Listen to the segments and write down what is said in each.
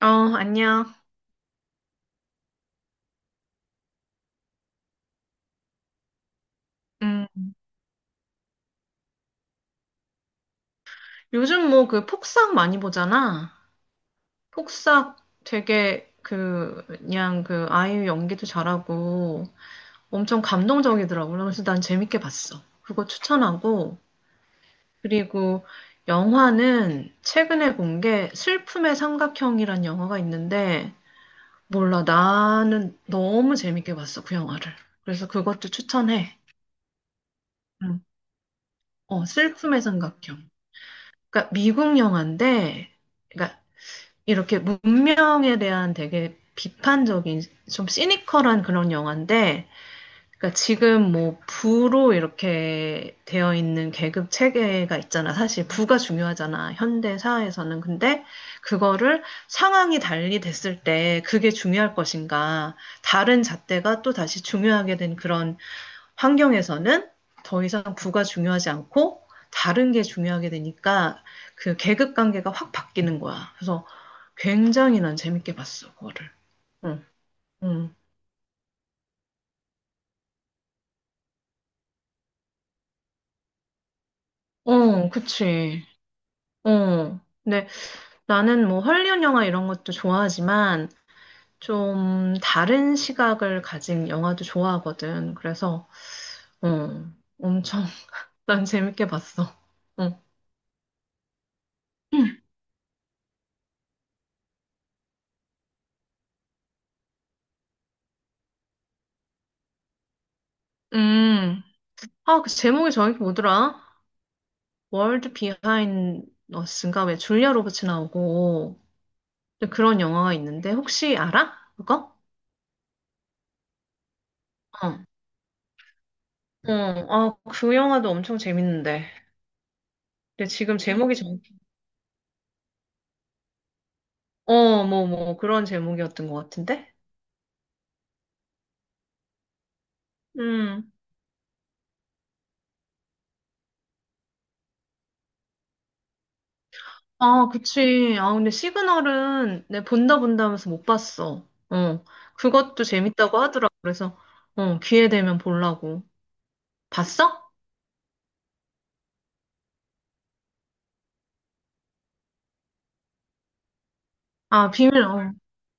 어, 안녕. 음, 요즘 뭐 그 폭싹 많이 보잖아. 폭싹 되게 그냥 그 아이유 연기도 잘하고 엄청 감동적이더라고. 그래서 난 재밌게 봤어. 그거 추천하고. 그리고 영화는 최근에 본 게 슬픔의 삼각형이란 영화가 있는데 몰라. 나는 너무 재밌게 봤어, 그 영화를. 그래서 그것도 추천해. 음. 슬픔의 삼각형. 그러니까 미국 영화인데 그러니까 이렇게 문명에 대한 되게 비판적인, 좀 시니컬한 그런 영화인데, 그러니까 지금 뭐 부로 이렇게 되어 있는 계급 체계가 있잖아. 사실 부가 중요하잖아, 현대 사회에서는. 근데 그거를 상황이 달리 됐을 때 그게 중요할 것인가, 다른 잣대가 또 다시 중요하게 된 그런 환경에서는 더 이상 부가 중요하지 않고 다른 게 중요하게 되니까 그 계급 관계가 확 바뀌는 거야. 그래서 굉장히 난 재밌게 봤어, 그거를. 응, 응. 어, 그치. 어. 근데 나는 뭐 헐리우드 영화 이런 것도 좋아하지만 좀 다른 시각을 가진 영화도 좋아하거든. 그래서, 어, 엄청 난 재밌게 봤어. 어. 음. 아, 그 제목이 정확히 뭐더라? 월드 비하인드 어스인가 왜 줄리아 로버츠 나오고 그런 영화가 있는데 혹시 알아, 그거? 어. 어, 아, 그 영화도 엄청 재밌는데. 근데 지금 제목이. 뭐, 그런 제목이었던 것 같은데? 음. 아, 그치. 아, 근데 시그널은 내 본다 본다 하면서 못 봤어. 어. 그것도 재밌다고 하더라고. 그래서, 기회 되면 보려고. 봤어? 아, 비밀, 어.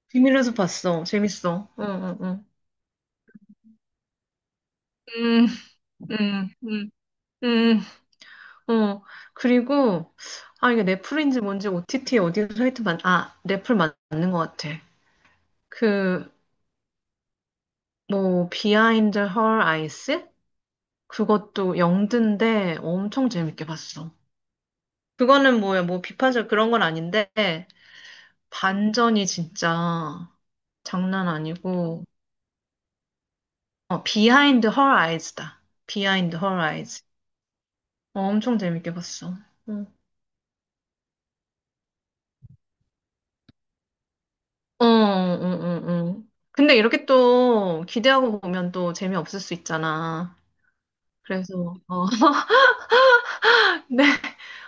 비밀에서 봤어. 재밌어. 응, 응, 응. 음, 음, 음. 음, 어. 그리고, 아, 이게 넷플인지 뭔지 OTT 어디서 하여튼, 아, 넷플 맞는 것 같아. 그, 뭐, 비하인드 헐 아이스? 그것도 영드인데 엄청 재밌게 봤어. 그거는 뭐야, 뭐 비판적 그런 건 아닌데, 반전이 진짜 장난 아니고, 비하인드 헐 아이즈다. 비하인드 헐 아이즈. 엄청 재밌게 봤어. 응. 어, 응, 응, 응. 근데 이렇게 또 기대하고 보면 또 재미없을 수 있잖아. 그래서, 네,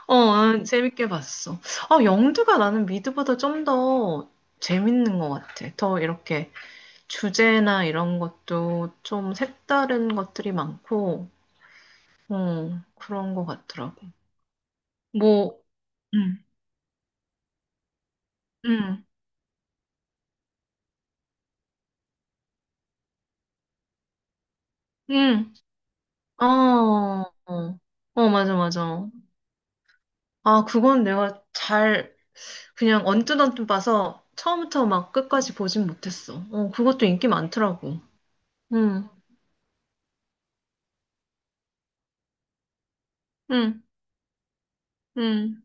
재밌게 봤어. 아, 영드가 나는 미드보다 좀 더 재밌는 것 같아. 더 이렇게 주제나 이런 것도 좀 색다른 것들이 많고, 그런 것 같더라고. 뭐, 응, 응, 응, 어, 어, 어, 맞아, 맞아. 아, 그건 내가 잘, 그냥 언뜻언뜻 봐서 처음부터 막 끝까지 보진 못했어. 어, 그것도 인기 많더라고. 응, 응, 응,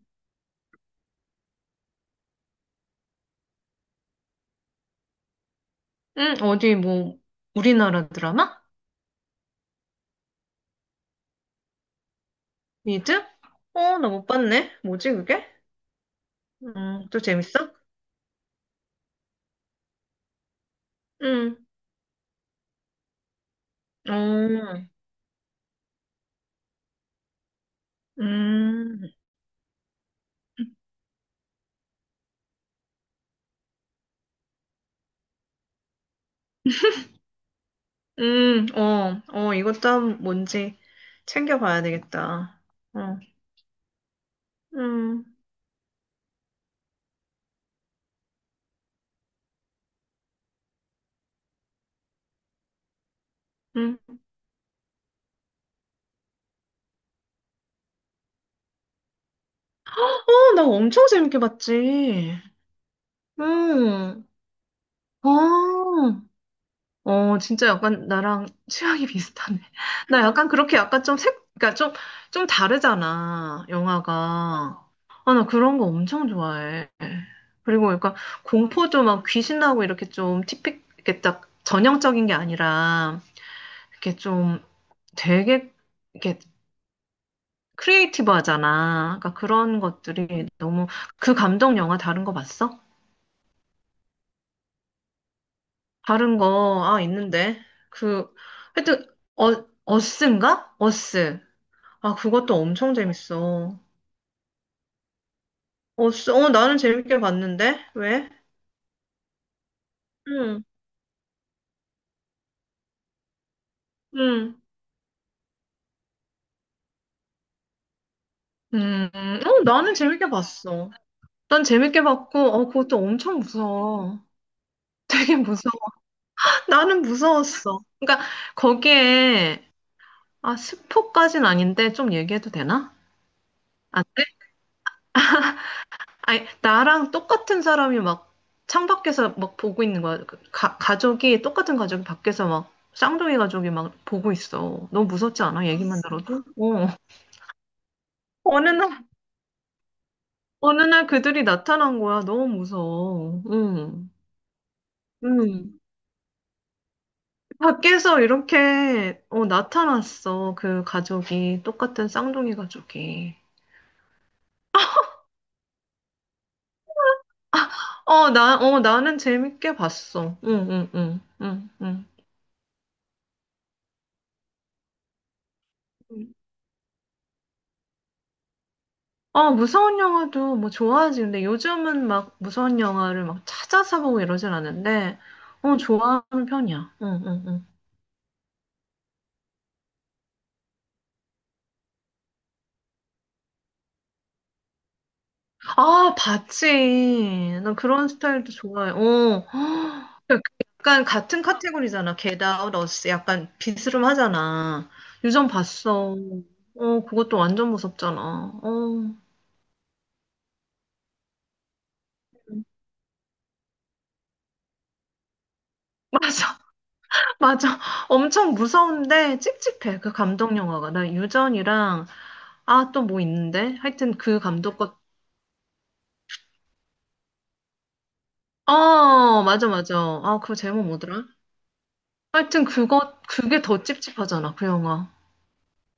응, 어디 뭐, 우리나라 드라마? 미드? 어, 나 못 봤네. 뭐지, 그게? 또 재밌어? 응, 어, 음, 어, 어, 이것도 뭔지 챙겨봐야 되겠다. 어, 음, 음. 어, 나 엄청 재밌게 봤지. 응, 아. 어, 진짜 약간 나랑 취향이 비슷하네. 나 약간 그렇게 약간 좀 색, 그러니까 좀, 좀 다르잖아, 영화가. 아, 나 그런 거 엄청 좋아해. 그리고 약간 공포도 막 귀신 나오고 이렇게 좀 티픽, 이렇게 딱 전형적인 게 아니라, 이렇게 좀 되게, 이렇게 크리에이티브 하잖아. 그러니까 그런 것들이 너무, 그 감독 영화 다른 거 봤어? 다른 거, 아, 있는데. 그, 하여튼, 어, 어스인가? 어스. 아, 그것도 엄청 재밌어. 어, 어, 나는 재밌게 봤는데? 왜? 응, 응, 음, 어, 나는 재밌게 봤어. 난 재밌게 봤고, 그것도 엄청 무서워. 되게 무서워. 나는 무서웠어. 그러니까, 거기에, 아, 스포까진 아닌데, 좀 얘기해도 되나? 안 돼? 아니, 나랑 똑같은 사람이 막, 창밖에서 막 보고 있는 거야. 그 가족이, 똑같은 가족이 밖에서 막, 쌍둥이 가족이 막 보고 있어. 너무 무섭지 않아? 얘기만 들어도? 어. 어느 날, 어느 날 그들이 나타난 거야. 너무 무서워. 응. 응. 밖에서 이렇게 나타났어. 그 가족이. 똑같은 쌍둥이 가족이. 나는 재밌게 봤어. 응, 응, 응, 응, 응. 응. 어, 무서운 영화도 뭐 좋아하지. 근데 요즘은 막 무서운 영화를 막 찾아서 보고 이러진 않는데, 어, 좋아하는 편이야. 응, 응, 응. 아, 봤지. 난 그런 스타일도 좋아해. 어. 약간 같은 카테고리잖아. Get Out, Us. 약간 비스름 하잖아. 유전 봤어. 어, 그것도 완전 무섭잖아. 어. 맞아, 맞아. 엄청 무서운데 찝찝해. 그 감독 영화가. 나 유전이랑, 아, 또 뭐 있는데? 하여튼 그 감독 것, 어, 맞아, 맞아. 아, 그 제목 뭐더라? 하여튼 그거, 그게 더 찝찝하잖아. 그 영화.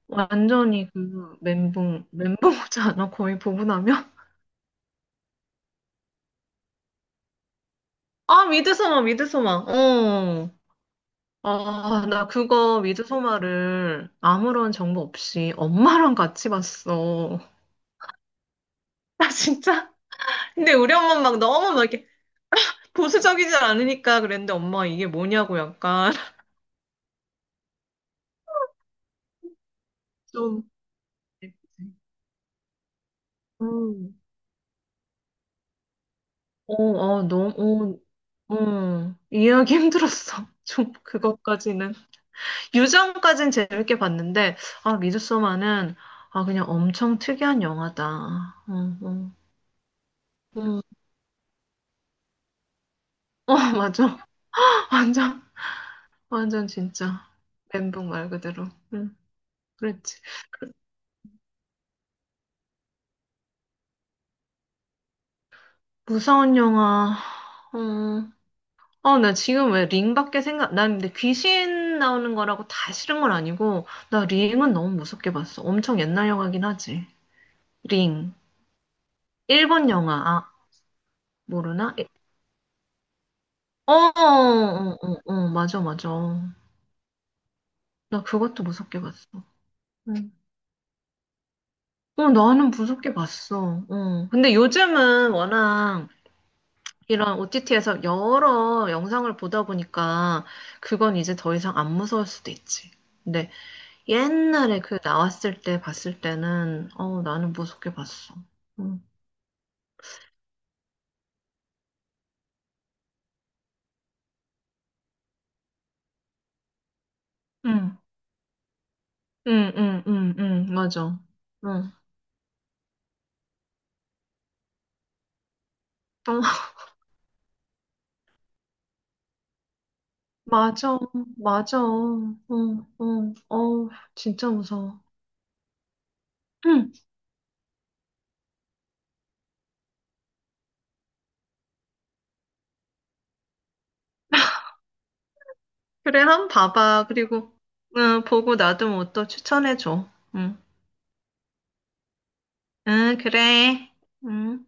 완전히 그 멘붕 멘붕 오지 않아? 거의 보분 나면? 아 미드소마 미드소마 어. 아, 나 그거 미드소마를 아무런 정보 없이 엄마랑 같이 봤어. 나 진짜. 근데 우리 엄마 막 너무 막 이렇게 보수적이지 않으니까 그랬는데 엄마 이게 뭐냐고 약간 좀. 음. 어, 너무, 어, 어. 이해하기 힘들었어. 좀 그것까지는. 유정까진 재밌게 봤는데, 아, 미드소마는, 아, 그냥 엄청 특이한 영화다. 어, 어, 음, 어, 어, 맞아. 완전, 완전 진짜. 멘붕 말 그대로. 응, 그랬지. 무서운 영화. 어, 어, 나 지금 왜 링밖에 생각, 난 근데 귀신 나오는 거라고 다 싫은 건 아니고, 나 링은 너무 무섭게 봤어. 엄청 옛날 영화긴 하지. 링. 일본 영화, 아, 모르나? 어, 어, 어, 어, 어, 맞아, 맞아. 나 그것도 무섭게 봤어. 응. 어, 나는 무섭게 봤어. 어. 근데 요즘은 워낙 이런 OTT에서 여러 영상을 보다 보니까 그건 이제 더 이상 안 무서울 수도 있지. 근데 옛날에 그 나왔을 때 봤을 때는 나는 무섭게 봤어. 응, 응, 응, 응, 응, 응, 맞아. 응. 어, 맞아, 맞아. 응, 응, 어, 진짜 무서워. 응. 그래, 한번 봐봐. 그리고, 응, 보고 나도 뭐 또 추천해줘. 응, 응, 그래. 응.